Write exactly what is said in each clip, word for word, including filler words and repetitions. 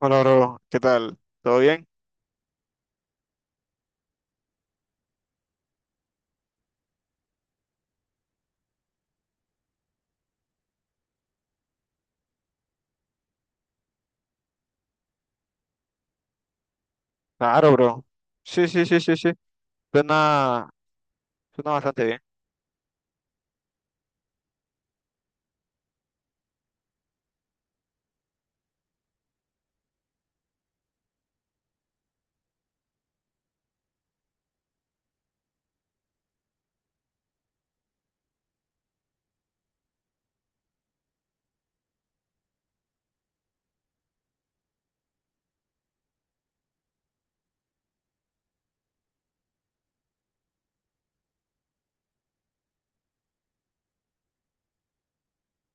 Hola, bro. ¿Qué tal? ¿Todo bien? Claro, bro. Sí, sí, sí, sí, sí. Suena, suena bastante bien.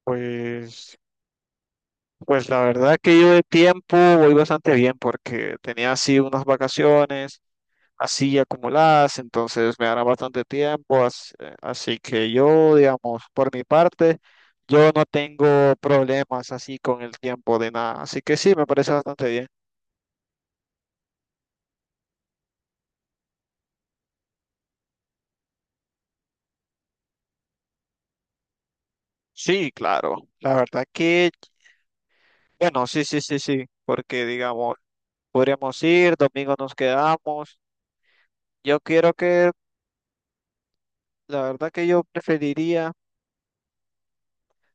Pues, pues la verdad que yo de tiempo voy bastante bien porque tenía así unas vacaciones así acumuladas, entonces me dará bastante tiempo. as- eh, Así, que yo, digamos, por mi parte, yo no tengo problemas así con el tiempo de nada. Así que sí, me parece bastante bien. Sí, claro. La verdad que, bueno, sí, sí, sí, sí. Porque digamos. Podríamos ir, domingo nos quedamos. Yo quiero que, la verdad que yo preferiría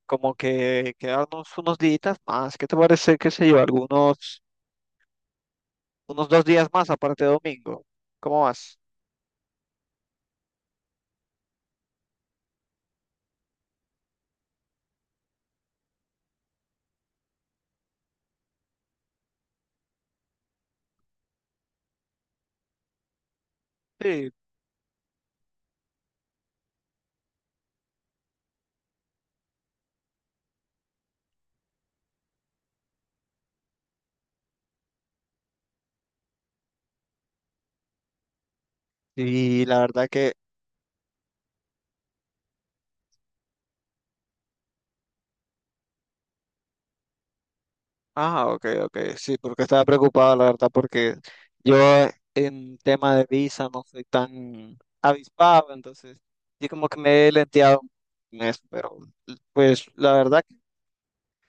como que quedarnos unos días más. ¿Qué te parece, qué sé yo, algunos, unos dos días más aparte de domingo? ¿Cómo vas? Sí. Y la verdad que, ah, ok, ok, sí, porque estaba preocupado, la verdad, porque yo en tema de visa no soy tan avispado, entonces yo como que me he lenteado en eso, pero pues la verdad que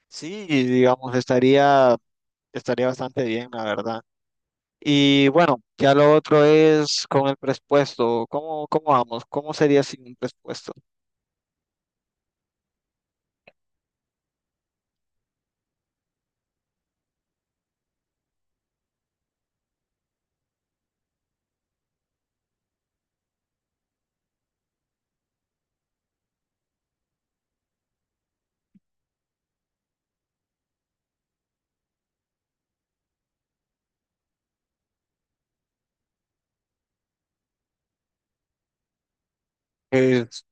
sí, digamos, estaría. Estaría bastante bien, la verdad. Y bueno, ya lo otro es con el presupuesto. ¿Cómo, cómo vamos? ¿Cómo sería sin un presupuesto? Pues,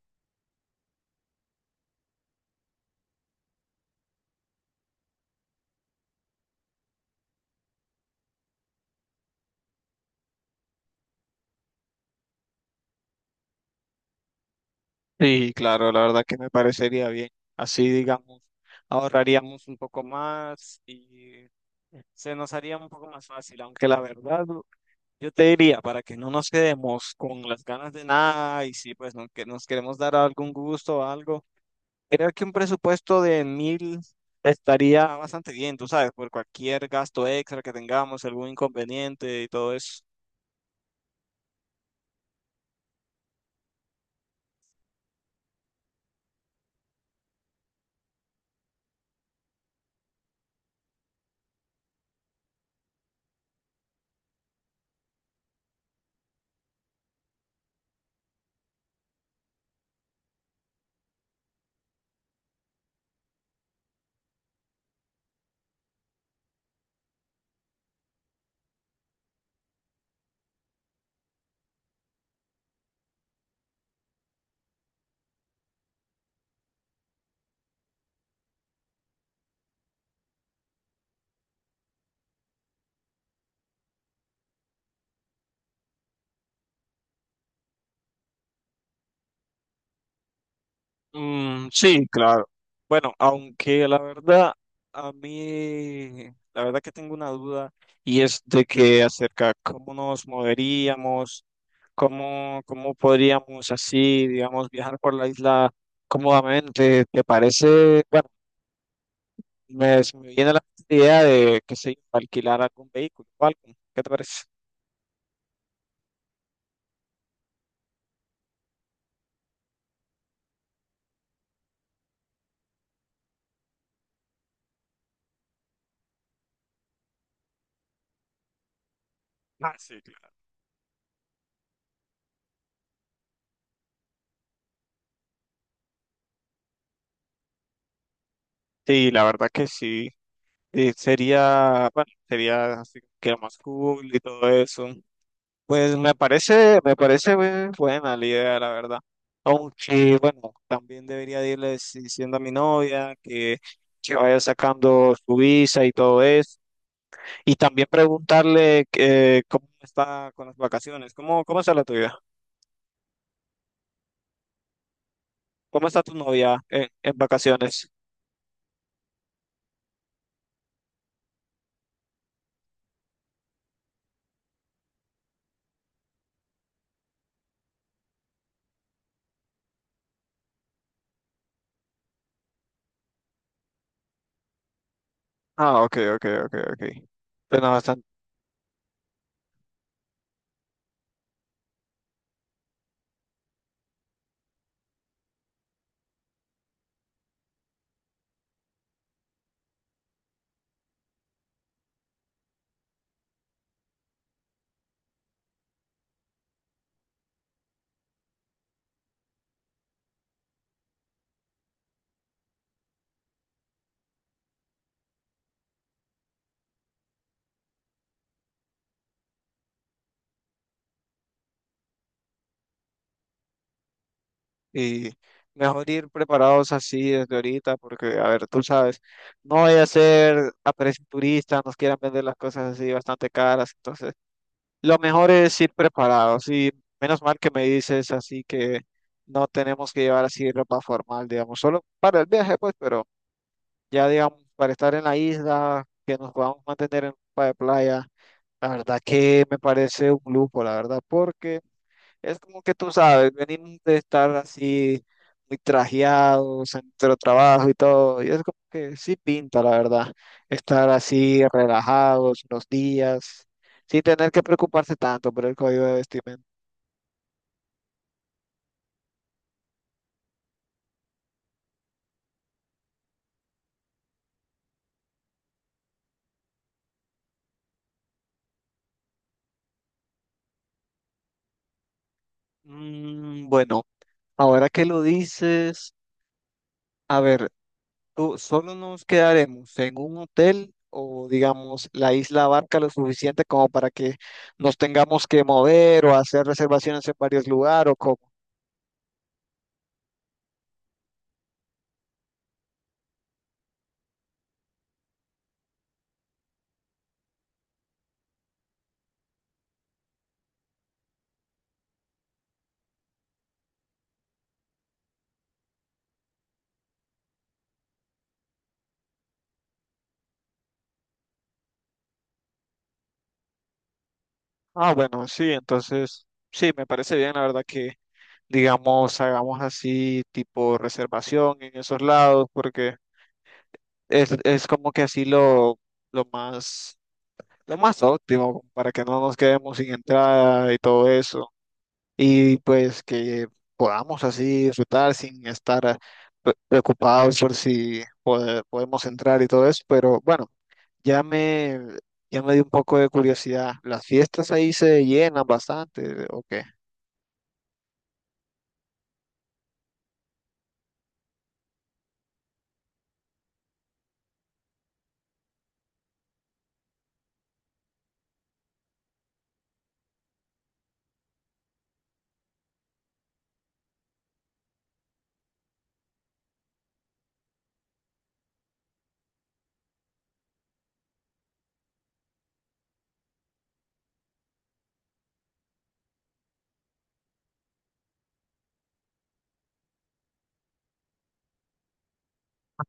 sí, claro, la verdad que me parecería bien. Así, digamos, ahorraríamos un poco más y se nos haría un poco más fácil. Aunque la verdad, yo te diría, para que no nos quedemos con las ganas de nada y si pues no, que nos queremos dar algún gusto o algo. Creo que un presupuesto de mil estaría bastante bien, tú sabes, por cualquier gasto extra que tengamos, algún inconveniente y todo eso. Mm, sí, claro. Bueno, aunque la verdad, a mí, la verdad que tengo una duda y es de que acerca cómo nos moveríamos, cómo, cómo podríamos así, digamos, viajar por la isla cómodamente. ¿Te parece? Me, se me viene a la idea de, qué sé yo, alquilar algún vehículo o algo. ¿Qué te parece? Ah, sí, claro. Sí, la verdad que sí. Eh, sería, bueno, sería así que lo más cool y todo eso. Pues me parece, me parece eh, buena la idea, la verdad. Aunque, bueno, también debería de irles diciendo a mi novia que, que vaya sacando su visa y todo eso. Y también preguntarle eh, cómo está con las vacaciones. ¿Cómo, cómo está la tuya? ¿Cómo está tu novia en, en vacaciones? Ah, ok, ok, ok, ok. Bueno, bastante. Y mejor ir preparados así desde ahorita, porque, a ver, tú sabes, no vaya a ser a precio turista, nos quieran vender las cosas así bastante caras. Entonces, lo mejor es ir preparados. Y menos mal que me dices así que no tenemos que llevar así ropa formal, digamos, solo para el viaje, pues, pero. Ya digamos, para estar en la isla, que nos podamos mantener en ropa de playa, la verdad que me parece un lujo, la verdad, porque es como que tú sabes, venimos de estar así muy trajeados en nuestro trabajo y todo, y es como que sí pinta, la verdad, estar así relajados unos días, sin tener que preocuparse tanto por el código de vestimenta. Mm, bueno, ahora que lo dices, a ver. ¿Tú solo nos quedaremos en un hotel o, digamos, la isla abarca lo suficiente como para que nos tengamos que mover o hacer reservaciones en varios lugares o cómo? Ah, bueno, sí, entonces, sí, me parece bien, la verdad que, digamos, hagamos así tipo reservación en esos lados porque es, es como que así lo, lo más, lo más óptimo para que no nos quedemos sin entrada y todo eso. Y pues que podamos así disfrutar sin estar ah, pre- preocupados por si pode- podemos entrar y todo eso, pero bueno, ya me, ya me dio un poco de curiosidad. ¿Las fiestas ahí se llenan bastante o qué?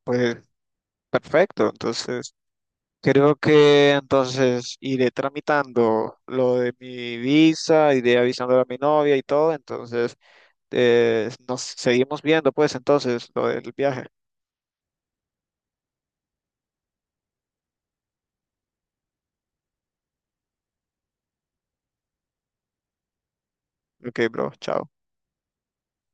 Pues perfecto, entonces creo que entonces iré tramitando lo de mi visa, iré avisando a mi novia y todo, entonces eh, nos seguimos viendo pues entonces lo del viaje. Ok, bro, chao.